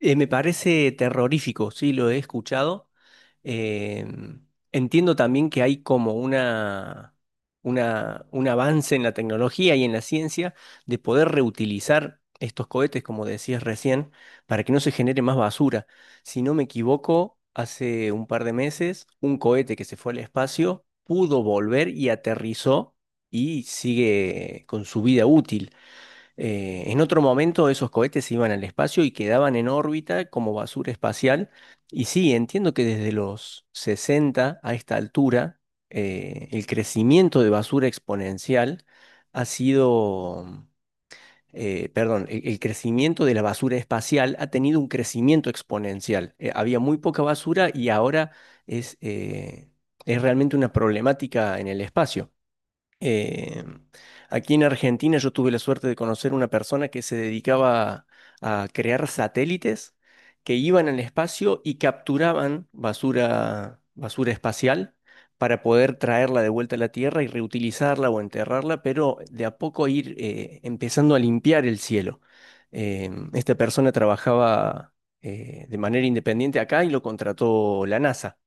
Me parece terrorífico, sí, lo he escuchado. Eh, Entiendo también que hay como un avance en la tecnología y en la ciencia de poder reutilizar estos cohetes, como decías recién, para que no se genere más basura. Si no me equivoco, hace un par de meses, un cohete que se fue al espacio pudo volver y aterrizó y sigue con su vida útil. En otro momento esos cohetes iban al espacio y quedaban en órbita como basura espacial. Y sí, entiendo que desde los 60 a esta altura, el crecimiento de basura exponencial ha perdón, el crecimiento de la basura espacial ha tenido un crecimiento exponencial. Había muy poca basura y ahora es, eh, es realmente una problemática en el espacio. Eh, Aquí en Argentina yo tuve la suerte de conocer una persona que se dedicaba a crear satélites que iban al espacio y capturaban basura, basura espacial para poder traerla de vuelta a la Tierra y reutilizarla o enterrarla, pero de a poco ir empezando a limpiar el cielo. Esta persona trabajaba de manera independiente acá y lo contrató la NASA.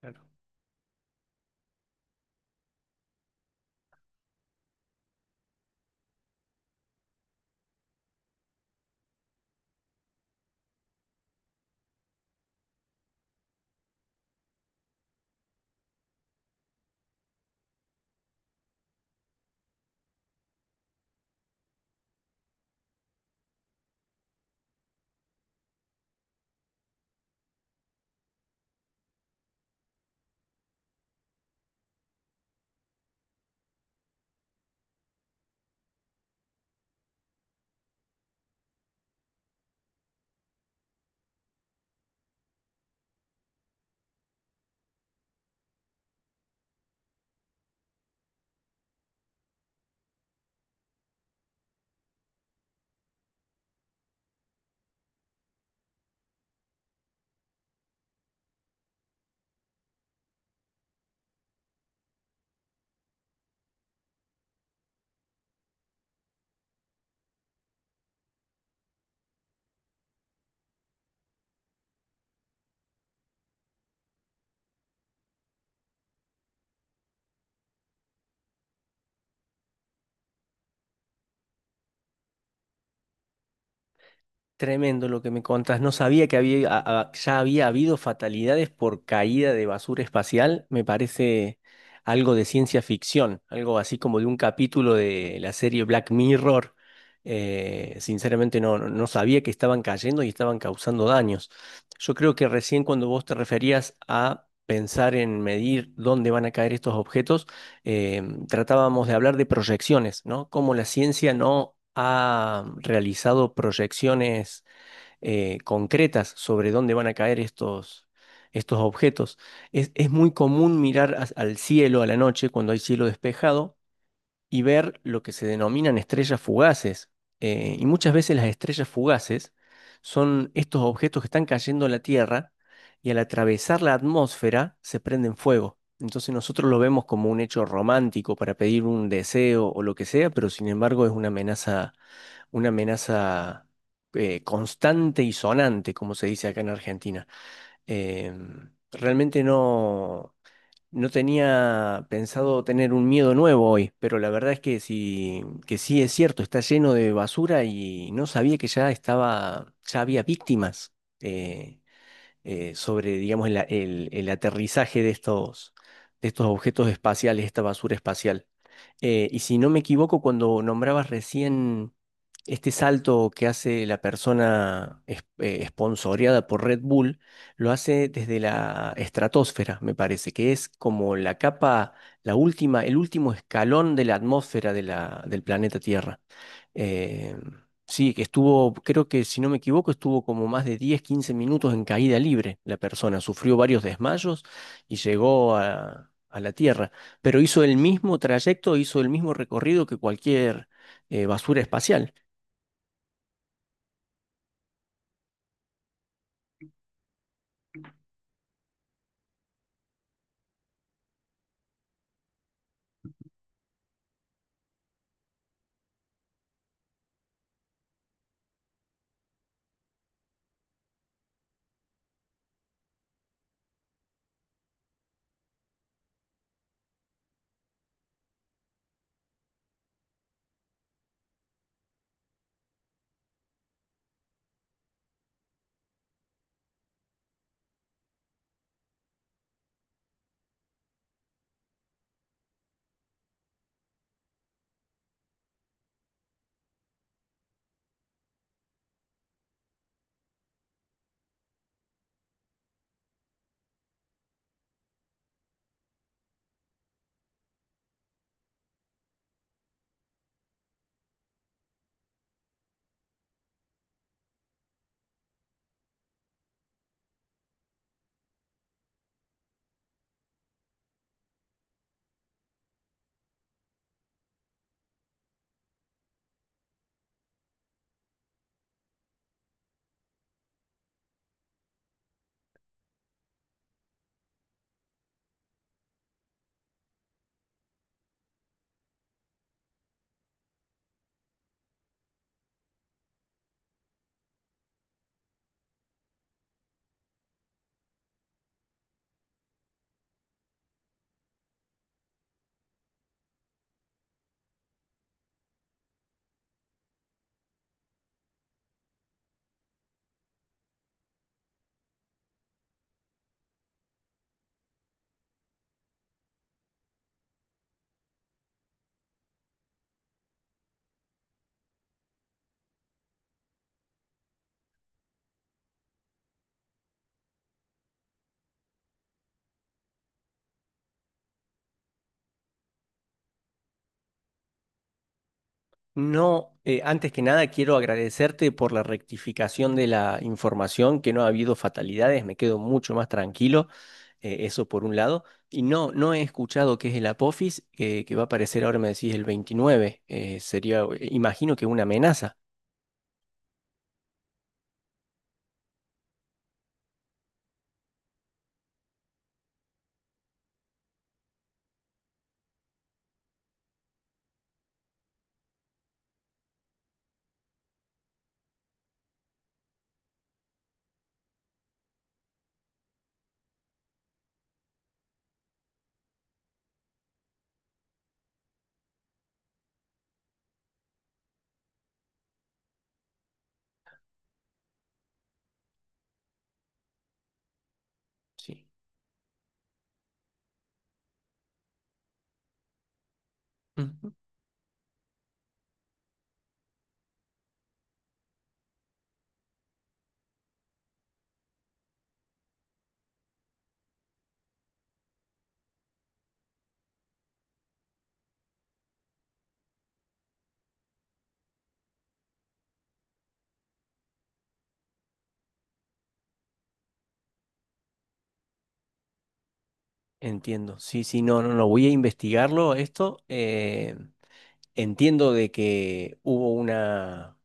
Claro. Tremendo lo que me contás. No sabía que ya había habido fatalidades por caída de basura espacial. Me parece algo de ciencia ficción, algo así como de un capítulo de la serie Black Mirror. Sinceramente no sabía que estaban cayendo y estaban causando daños. Yo creo que recién cuando vos te referías a pensar en medir dónde van a caer estos objetos, eh, tratábamos de hablar de proyecciones, ¿no? Cómo la ciencia no ha realizado proyecciones concretas sobre dónde van a caer estos objetos. Es muy común mirar al cielo a la noche cuando hay cielo despejado y ver lo que se denominan estrellas fugaces. Y muchas veces las estrellas fugaces son estos objetos que están cayendo a la Tierra y al atravesar la atmósfera se prenden fuego. Entonces nosotros lo vemos como un hecho romántico para pedir un deseo o lo que sea, pero sin embargo es una amenaza constante y sonante, como se dice acá en Argentina. Realmente no. No tenía pensado tener un miedo nuevo hoy, pero la verdad es que sí es cierto, está lleno de basura y no sabía que ya estaba, ya había víctimas. Eh, Sobre, digamos, el aterrizaje de de estos objetos espaciales, esta basura espacial. Y si no me equivoco, cuando nombrabas recién este salto que hace la persona esponsoreada por Red Bull, lo hace desde la estratosfera, me parece, que es como la capa, la última, el último escalón de la atmósfera de del planeta Tierra. Eh, sí, que estuvo, creo que si no me equivoco, estuvo como más de 10, 15 minutos en caída libre la persona. Sufrió varios desmayos y llegó a la Tierra. Pero hizo el mismo trayecto, hizo el mismo recorrido que cualquier basura espacial. No, antes que nada quiero agradecerte por la rectificación de la información, que no ha habido fatalidades, me quedo mucho más tranquilo, eso por un lado. Y no, no he escuchado qué es el Apophis, que va a aparecer ahora, me decís, el 29. Sería, imagino que una amenaza. Sí. Ujú. Entiendo. Sí, sí, no, no, no, voy a investigarlo esto. Entiendo de que hubo una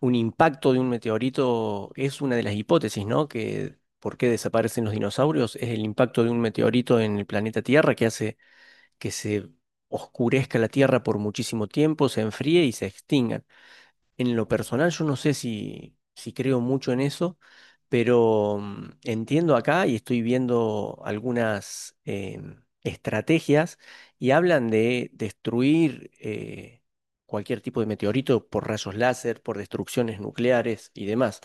un impacto de un meteorito es una de las hipótesis, ¿no? Que por qué desaparecen los dinosaurios es el impacto de un meteorito en el planeta Tierra que hace que se oscurezca la Tierra por muchísimo tiempo, se enfríe y se extingan. En lo personal, yo no sé si, si creo mucho en eso, pero entiendo acá y estoy viendo algunas estrategias y hablan de destruir cualquier tipo de meteorito por rayos láser, por destrucciones nucleares y demás.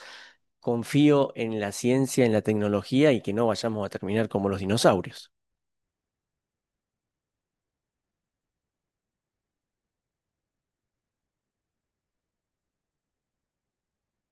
Confío en la ciencia, en la tecnología y que no vayamos a terminar como los dinosaurios.